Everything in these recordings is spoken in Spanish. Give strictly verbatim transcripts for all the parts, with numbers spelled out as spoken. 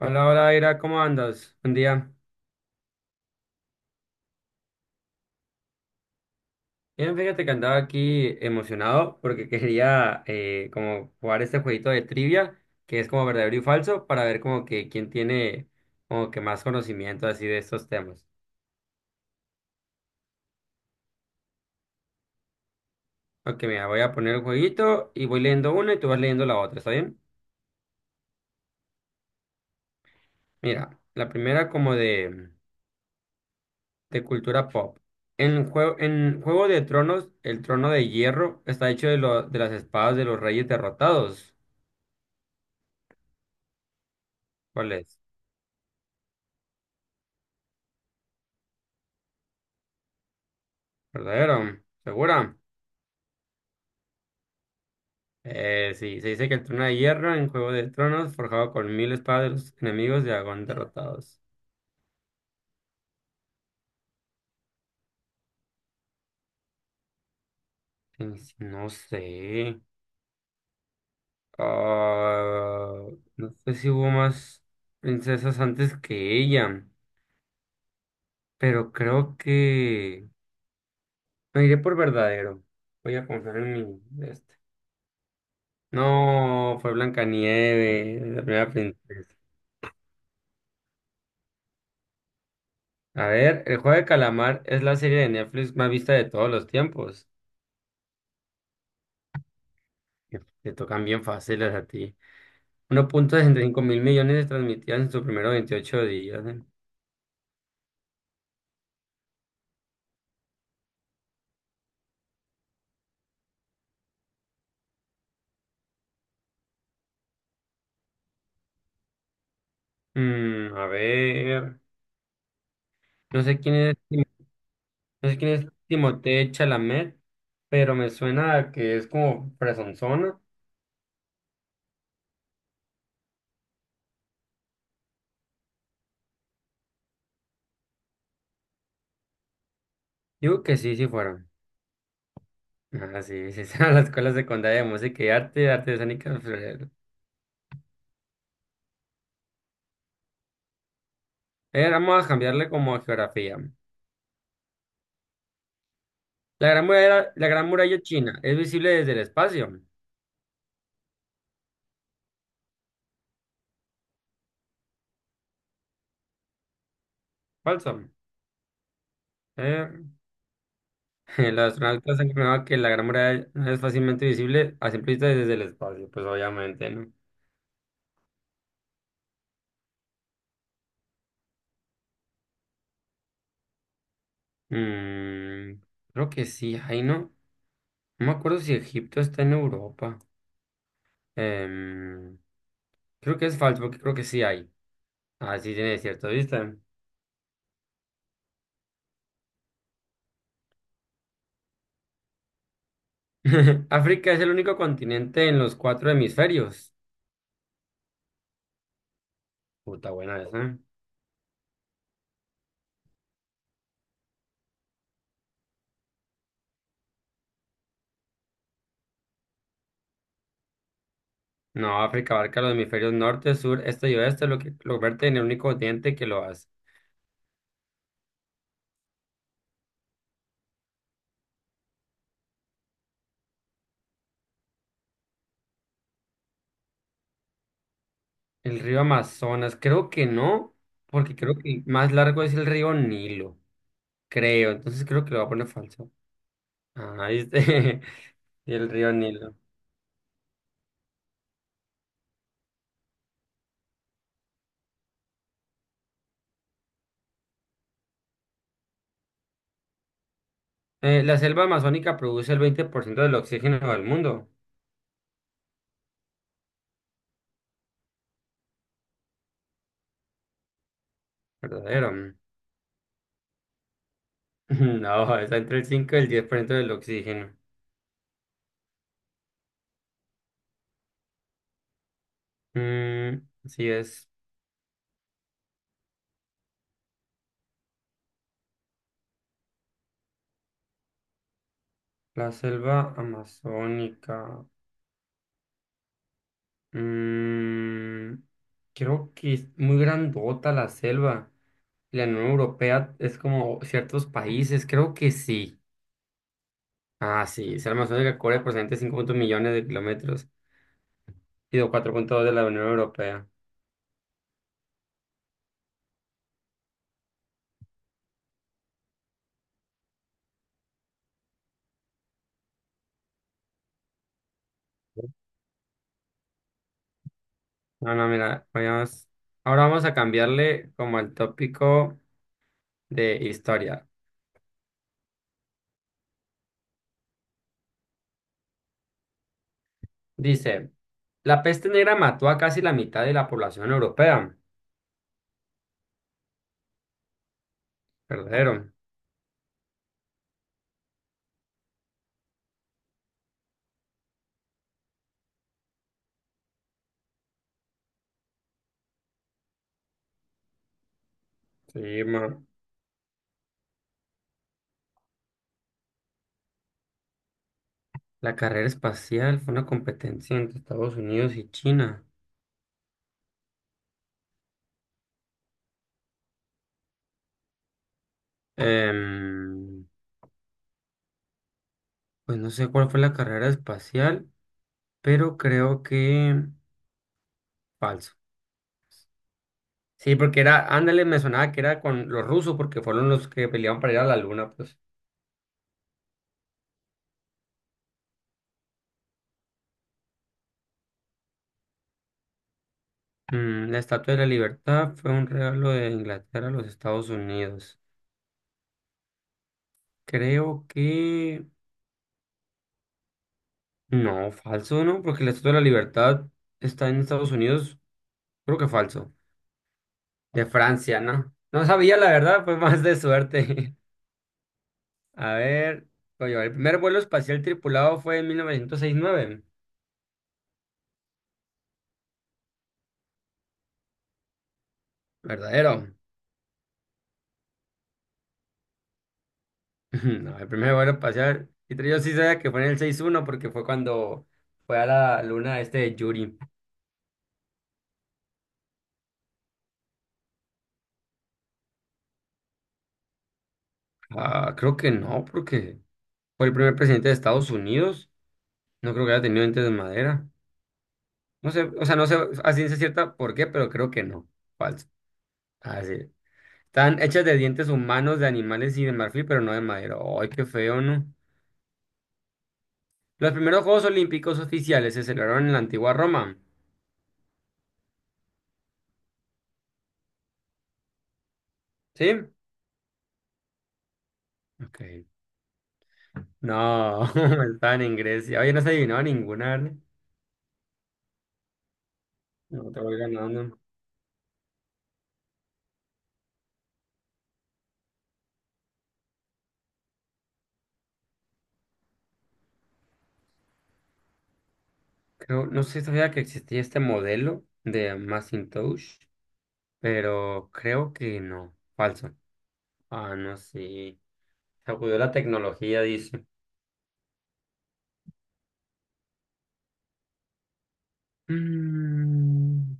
Hola, hola, Ira, ¿cómo andas? Buen día. Bien, fíjate que andaba aquí emocionado porque quería eh, como jugar este jueguito de trivia que es como verdadero y falso para ver como que quién tiene como que más conocimiento así de estos temas. Ok, mira, voy a poner el jueguito y voy leyendo una y tú vas leyendo la otra, ¿está bien? Mira, la primera como de, de cultura pop. En, jue- en Juego de Tronos, el trono de hierro está hecho de, lo- de las espadas de los reyes derrotados. ¿Cuál es? Verdadero, segura. Eh, sí, se dice que el trono de hierro en Juego de Tronos, forjado con mil espadas de los enemigos de Agón derrotados. Sí, sí, no sé. Ah, no sé si hubo más princesas antes que ella, pero creo que me iré por verdadero. Voy a confiar en mi este. No, fue Blancanieves, la primera princesa. A ver, El Juego de Calamar es la serie de Netflix más vista de todos los tiempos. Que te tocan bien fáciles a ti. Uno punto sesenta y cinco mil millones de transmitidas en sus primeros veintiocho días. ¿Eh? Mm, a ver, no sé quién es, Tim- no sé quién es Timothée Chalamet, pero me suena a que es como presonzona. Digo que sí, sí fueron. Ah, sí, sí, a la Escuela Secundaria de Música y Arte, Arte Escénica. Florero. Eh, vamos a cambiarle como a geografía. La gran muralla, la gran muralla china es visible desde el espacio. Falso. Eh, El astronauta se confirmaba que la Gran Muralla es fácilmente visible a simple vista desde el espacio, pues obviamente, ¿no? Mm, creo que sí, ahí no. No me acuerdo si Egipto está en Europa. Em, Creo que es falso, porque creo que sí hay. Ah, sí tiene cierta vista. África es el único continente en los cuatro hemisferios. Puta buena esa. No, África abarca los hemisferios norte, sur, este y oeste, lo que lo convierte en el único continente que lo hace. El río Amazonas, creo que no, porque creo que el más largo es el río Nilo, creo. Entonces creo que lo voy a poner falso. Ah, este, el río Nilo. Eh, la selva amazónica produce el veinte por ciento del oxígeno del mundo. Verdadero. No, está entre el cinco y el diez por ciento del oxígeno. Mm, así es. La selva amazónica. Mm, creo que es muy grandota la selva. La Unión Europea es como ciertos países, creo que sí. Ah, sí, se almacena que cubre aproximadamente cinco millones de kilómetros y de cuatro punto dos de la Unión Europea. No, no, mira, vayamos- ahora vamos a cambiarle como el tópico de historia. Dice, la peste negra mató a casi la mitad de la población europea. Verdadero. Sí, ma. La carrera espacial fue una competencia entre Estados Unidos y China. Em, pues no sé cuál fue la carrera espacial, pero creo que falso. Sí, porque era, ándale, me sonaba que era con los rusos, porque fueron los que pelearon para ir a la luna, pues. Mm, la Estatua de la Libertad fue un regalo de Inglaterra a los Estados Unidos. Creo que… No, falso, ¿no? Porque la Estatua de la Libertad está en Estados Unidos. Creo que falso. De Francia, ¿no? No sabía, la verdad, fue más de suerte. A ver, oye, el primer vuelo espacial tripulado fue en mil novecientos seis nueve. Verdadero. No, el primer vuelo espacial. Y yo sí sabía que fue en el seis uno porque fue cuando fue a la luna este de Yuri. Ah, creo que no, porque fue el primer presidente de Estados Unidos. No creo que haya tenido dientes de madera. No sé, o sea, no sé a ciencia cierta por qué, pero creo que no. Falso. Ah, sí. Están hechas de dientes humanos, de animales y de marfil, pero no de madera. Ay, qué feo, ¿no? Los primeros Juegos Olímpicos oficiales se celebraron en la antigua Roma. ¿Sí? Ok. No, estaban en Grecia. Oye, no se adivinaba ninguna, ¿vale? No te voy ganando. Creo, no sé si sabía que existía este modelo de Macintosh, pero creo que no. Falso. Ah, no sí sacudió la tecnología, dice. Mm,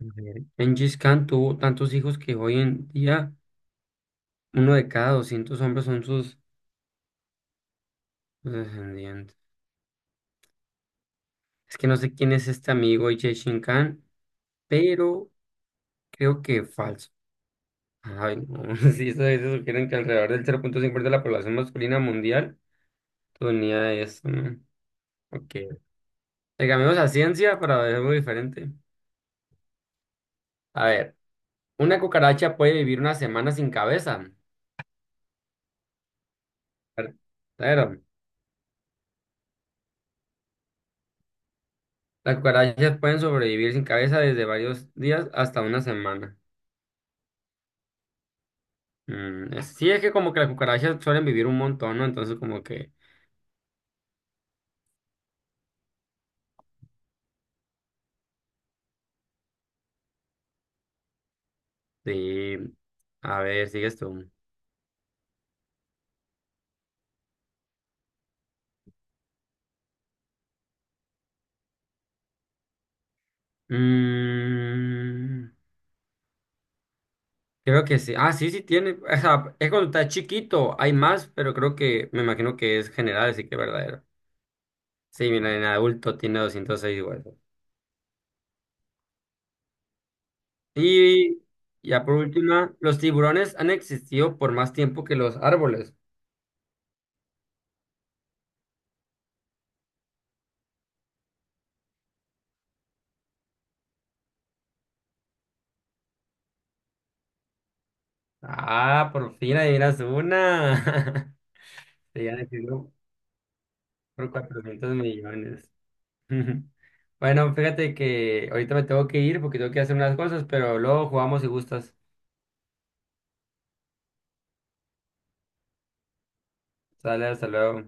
a ver. Gengis Khan tuvo tantos hijos que hoy en día uno de cada doscientos hombres son sus sus descendientes. Es que no sé quién es este amigo Gengis Khan, pero creo que falso. Ay, no. Sí, eso, eso sugieren que alrededor del cero punto cinco por ciento de la población masculina mundial. Tu unidad de eso, ¿no? Ok. Le cambiamos a ciencia para ver algo diferente. A ver, una cucaracha puede vivir una semana sin cabeza. Ver- claro. Las cucarachas pueden sobrevivir sin cabeza desde varios días hasta una semana. Mm, es- sí, es que como que las cucarachas suelen vivir un montón, ¿no? Entonces como que… Sí. A ver, sigues tú. Mm, creo que sí. Ah, sí, sí tiene. O sea, es cuando está chiquito. Hay más, pero creo que… Me imagino que es general, así que es verdadero. Sí, mira, en adulto tiene doscientos seis huesos. Y ya por última, los tiburones han existido por más tiempo que los árboles. Ah, por fin adivinas una. Se han existido por cuatrocientos millones. Bueno, fíjate que ahorita me tengo que ir porque tengo que hacer unas cosas, pero luego jugamos si gustas. Sale, hasta luego.